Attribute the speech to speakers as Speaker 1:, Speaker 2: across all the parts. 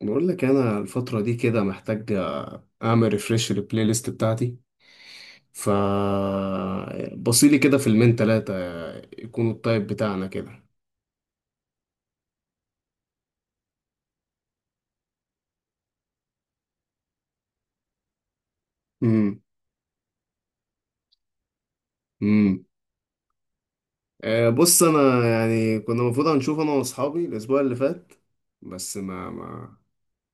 Speaker 1: بقول لك انا الفتره دي كده محتاج، اعمل ريفريش للبلاي ليست بتاعتي. ف بصيلي كده فيلمين تلاتة يكونوا الطيب بتاعنا كده. امم. امم. بص، انا يعني كنا المفروض هنشوف انا واصحابي الاسبوع اللي فات، بس ما ما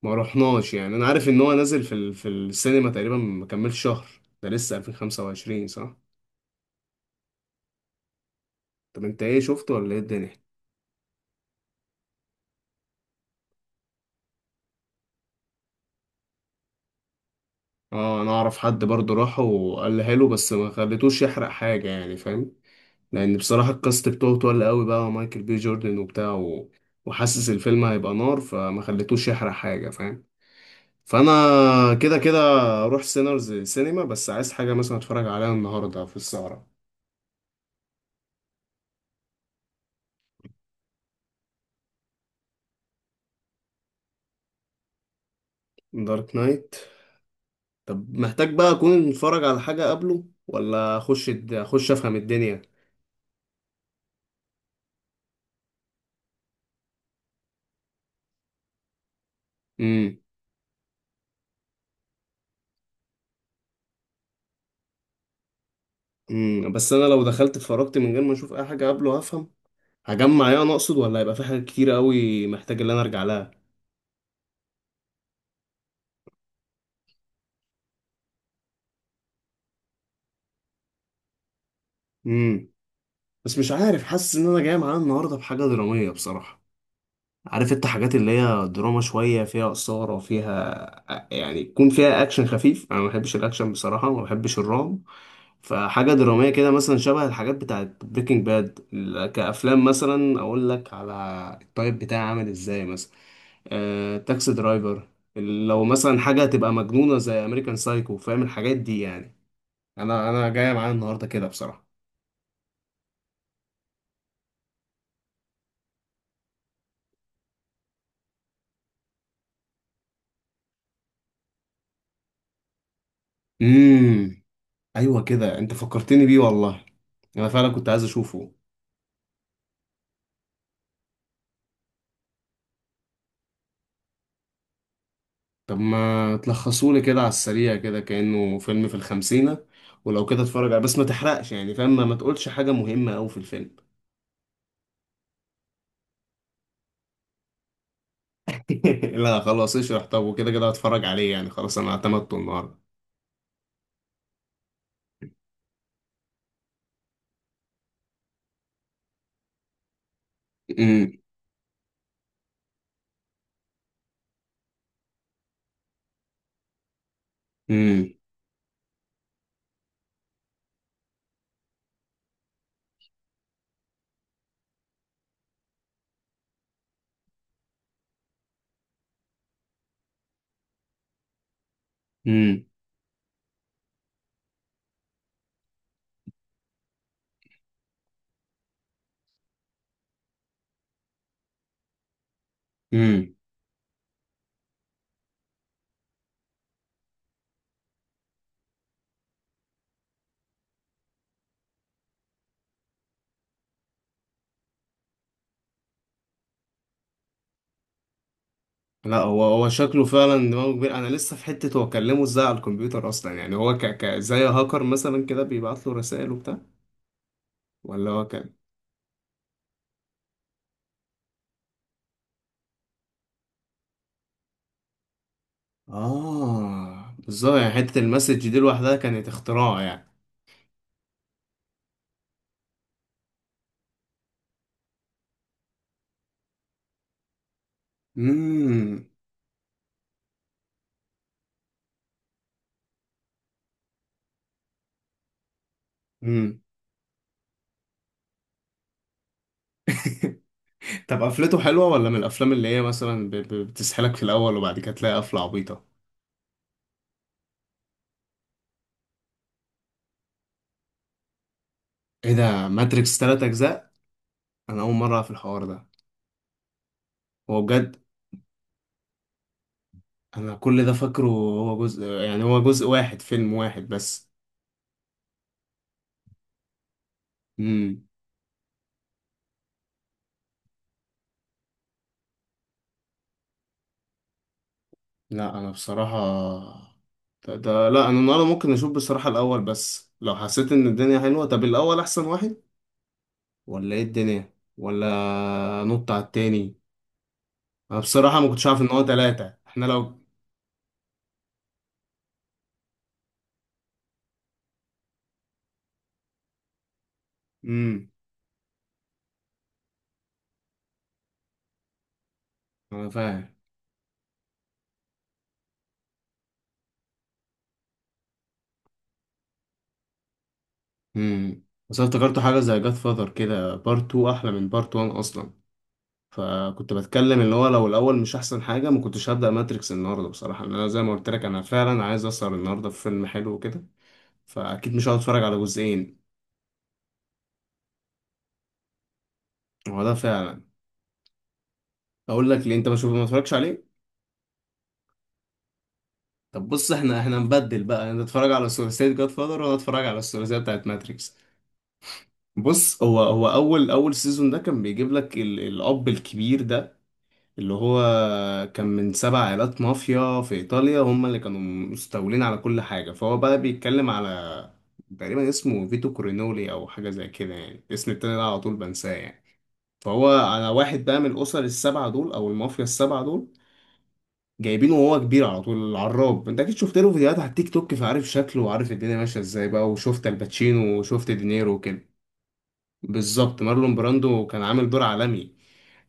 Speaker 1: ما رحناش. يعني انا عارف ان هو نازل في في السينما تقريبا ما كملش شهر. ده لسه 2025 صح؟ طب انت ايه، شفته ولا ايه الدنيا؟ اه، انا اعرف حد برضه راح وقال له حلو، بس ما خليتوش يحرق حاجه، يعني فاهم. لان بصراحه الكاست بتوعه تقل قوي بقى، ومايكل بي جوردن وبتاع وحاسس الفيلم هيبقى نار، فما خليتوش يحرق حاجه، فاهم. فانا كده كده اروح سينرز سينما، بس عايز حاجه مثلا اتفرج عليها النهارده في السهره. دارك نايت؟ طب محتاج بقى اكون اتفرج على حاجه قبله، ولا اخش اخش افهم الدنيا؟ امم. امم. بس انا لو دخلت اتفرجت من غير ما اشوف اي حاجه قبله، هفهم؟ هجمع ايه انا اقصد، ولا هيبقى في حاجات كتير قوي محتاج ان انا ارجع لها؟ امم. بس مش عارف، حاسس ان انا جاي معاه النهارده بحاجه دراميه بصراحه. عارف انت، حاجات اللي هي دراما شويه، فيها اثاره، فيها يعني، يكون فيها اكشن خفيف. انا ما بحبش الاكشن بصراحه، ما بحبش الرعب. فحاجه دراميه كده، مثلا شبه الحاجات بتاعت بريكنج باد. كافلام مثلا اقول لك على التايب بتاعي عامل ازاي، مثلا تاكسي درايفر. لو مثلا حاجه تبقى مجنونه زي امريكان سايكو، فاهم الحاجات دي يعني. انا جايه معايا النهارده كده بصراحه. امم. ايوه كده، انت فكرتني بيه والله. انا فعلا كنت عايز اشوفه. طب ما تلخصولي كده على السريع كده، كأنه فيلم في الخمسينة، ولو كده اتفرج عليه. بس ما تحرقش يعني فاهم، ما تقولش حاجة مهمة أوي في الفيلم. لا خلاص اشرح، طب وكده كده هتفرج عليه يعني، خلاص انا اعتمدته النهارده. امم. امم. امم. امم. لا، هو شكله فعلا دماغه كبير. انا لسه في حتة هو كلمه ازاي على الكمبيوتر اصلا؟ يعني هو ك زي هاكر مثلا كده، بيبعت له رسائل وبتاع؟ ولا هو ك. اه بالظبط، يعني حتة المسج دي لوحدها كانت اختراع يعني. امم. امم. طب قفلته حلوة، ولا من الافلام اللي هي مثلا بتسحلك في الاول وبعد كده تلاقي قفلة عبيطة؟ ايه ده، ماتريكس تلات اجزاء؟ انا اول مرة في الحوار ده. هو بجد؟ انا كل ده فاكره هو جزء، يعني هو جزء واحد، فيلم واحد بس. امم. لا انا بصراحة، ده, ده لا انا النهارده ممكن اشوف بصراحة الاول، بس لو حسيت ان الدنيا حلوة. طب الاول احسن واحد، ولا ايه الدنيا، ولا نط على التاني؟ انا بصراحة ما كنتش عارف ان هو تلاتة احنا لو. امم. انا فاهم. امم. بس أنا افتكرت حاجة زي جاد فاذر، كده بارت 2 احلى من بارت 1 اصلا. فكنت بتكلم اللي هو لو الاول مش احسن حاجة، ما كنتش هبدأ ماتريكس النهاردة بصراحة. لأن انا زي ما قلت لك، انا فعلا عايز اسهر النهاردة في فيلم حلو كده، فاكيد مش هقعد اتفرج على جزئين. هو ده فعلا. اقول لك ليه، انت ما شوف ما اتفرجش عليه. طب بص، احنا نبدل بقى، انت اتفرج على ثلاثية جاد فاذر وانا اتفرج على الثلاثية بتاعت ماتريكس. بص، هو اول سيزون ده كان بيجيب لك الاب الكبير ده، اللي هو كان من سبع عائلات مافيا في ايطاليا هم اللي كانوا مستولين على كل حاجه. فهو بقى بيتكلم على، تقريبا اسمه فيتو كورينولي او حاجه زي كده، يعني الاسم التاني ده على طول بنساه يعني. فهو على واحد بقى من الاسر السبعه دول، او المافيا السبعه دول، جايبينه وهو كبير على طول، العراب. انت اكيد شفت له فيديوهات على التيك توك، فعارف شكله وعارف الدنيا ماشيه ازاي بقى، وشفت الباتشينو وشفت دينيرو وكده. بالظبط، مارلون براندو كان عامل دور عالمي.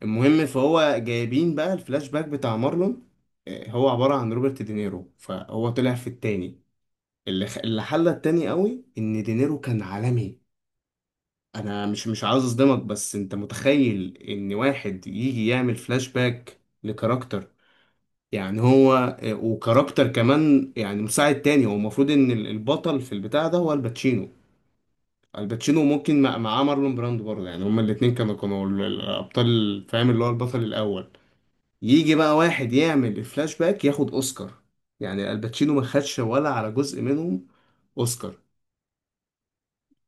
Speaker 1: المهم، فهو جايبين بقى الفلاش باك بتاع مارلون، هو عبارة عن روبرت دينيرو، فهو طلع في التاني. اللي اللي حلى التاني قوي ان دينيرو كان عالمي. انا مش عاوز اصدمك، بس انت متخيل ان واحد يجي يعمل فلاش باك لكاركتر؟ يعني هو، وكاركتر كمان يعني مساعد تاني، هو المفروض ان البطل في البتاع ده هو الباتشينو. الباتشينو ممكن معاه مارلون براندو برضه، يعني هما الاتنين كانوا الأبطال، فاهم، اللي هو البطل الأول. يجي بقى واحد يعمل الفلاش باك ياخد أوسكار؟ يعني الباتشينو ما خدش ولا على جزء منهم أوسكار.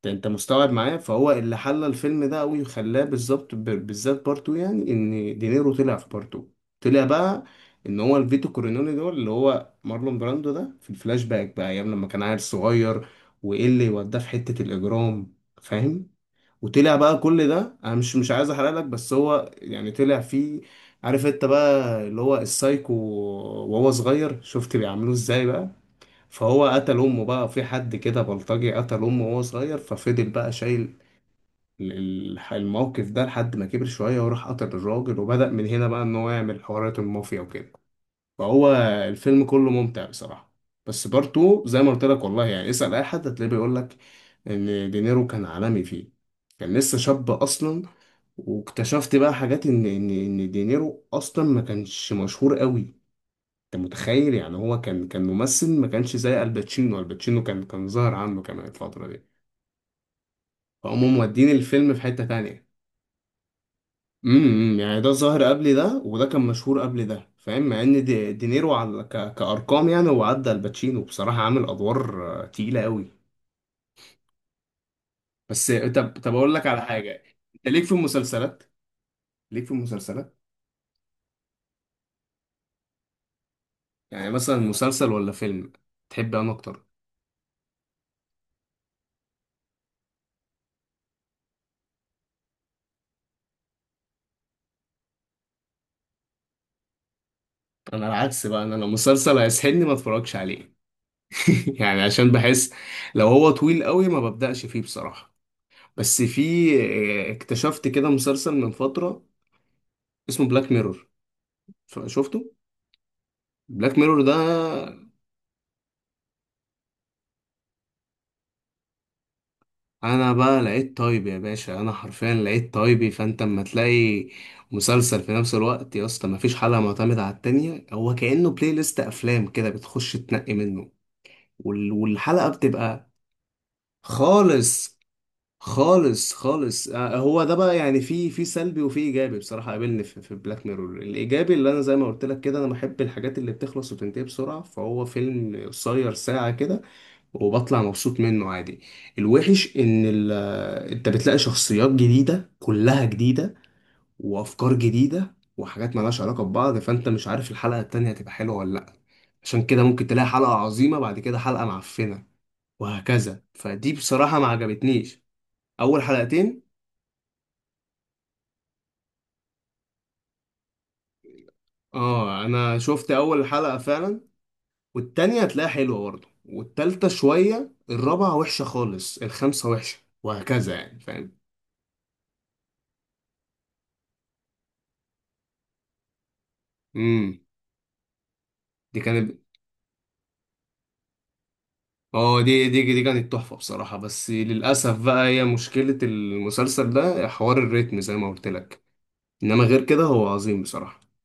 Speaker 1: ده أنت مستوعب معايا. فهو اللي حلى الفيلم ده أوي وخلاه بالظبط، بالذات بارتو، يعني إن دينيرو طلع في بارتو. طلع بقى إن هو الفيتو كورينوني دول، اللي هو مارلون براندو ده، في الفلاش باك بقى أيام لما كان عيل صغير، وإيه اللي وداه في حتة الإجرام، فاهم. وطلع بقى كل ده، انا مش عايز احرق لك، بس هو يعني طلع فيه. عارف انت بقى، اللي هو السايكو وهو صغير، شفت بيعملوه ازاي بقى. فهو قتل امه بقى، في حد كده بلطجي قتل امه وهو صغير، ففضل بقى شايل الموقف ده لحد ما كبر شوية وراح قتل الراجل، وبدأ من هنا بقى ان هو يعمل حوارات المافيا وكده. فهو الفيلم كله ممتع بصراحة. بس بارتو زي ما قلت لك والله، يعني اسأل أي حد هتلاقيه بيقول لك إن دينيرو كان عالمي فيه، كان لسه شاب أصلا. واكتشفت بقى حاجات، إن دينيرو أصلا ما كانش مشهور قوي. أنت متخيل؟ يعني هو كان ممثل ما كانش زي الباتشينو. الباتشينو كان ظاهر عنه كمان الفترة دي، فهم مودين الفيلم في حتة تانية. امم، يعني ده ظاهر قبل ده وده كان مشهور قبل ده، فاهم، مع ان دينيرو على كارقام يعني هو عدى الباتشينو بصراحه، عامل ادوار تقيله قوي. بس طب اقول لك على حاجه، انت ليك في المسلسلات؟ ليك في المسلسلات؟ يعني مثلا مسلسل ولا فيلم تحب انا اكتر؟ انا العكس بقى، انا لو مسلسل هيسحلني ما اتفرجش عليه. يعني عشان بحس لو هو طويل قوي ما ببداش فيه بصراحه. بس في، اكتشفت كده مسلسل من فتره اسمه بلاك ميرور، شفته؟ بلاك ميرور ده، انا بقى لقيت طيب يا باشا، انا حرفيا لقيت طيبي. فانت اما تلاقي مسلسل في نفس الوقت يا اسطى مفيش حلقه معتمده على التانية، هو كانه بلاي ليست افلام كده بتخش تنقي منه، والحلقه بتبقى خالص. خالص، خالص، هو ده بقى يعني، في في سلبي وفي ايجابي بصراحه. قابلني في بلاك ميرور الايجابي اللي انا زي ما قلت لك كده، انا بحب الحاجات اللي بتخلص وتنتهي بسرعه، فهو فيلم قصير ساعه كده، وبطلع مبسوط منه عادي. الوحش ان انت بتلاقي شخصيات جديدة، كلها جديدة، وافكار جديدة وحاجات مالهاش علاقة ببعض، فانت مش عارف الحلقة التانية هتبقى حلوة ولا لا. عشان كده ممكن تلاقي حلقة عظيمة بعد كده حلقة معفنة، وهكذا. فدي بصراحة ما عجبتنيش. اول حلقتين. اه انا شفت اول حلقة فعلا. والتانية هتلاقيها حلوة برضه، والتالتة شوية، الرابعة وحشة خالص، الخامسة وحشة وهكذا، يعني فاهم. امم. دي كانت. اه دي، دي كانت تحفة بصراحة. بس للأسف بقى هي مشكلة المسلسل ده، حوار الريتم زي ما قلت لك. إنما غير كده هو عظيم بصراحة.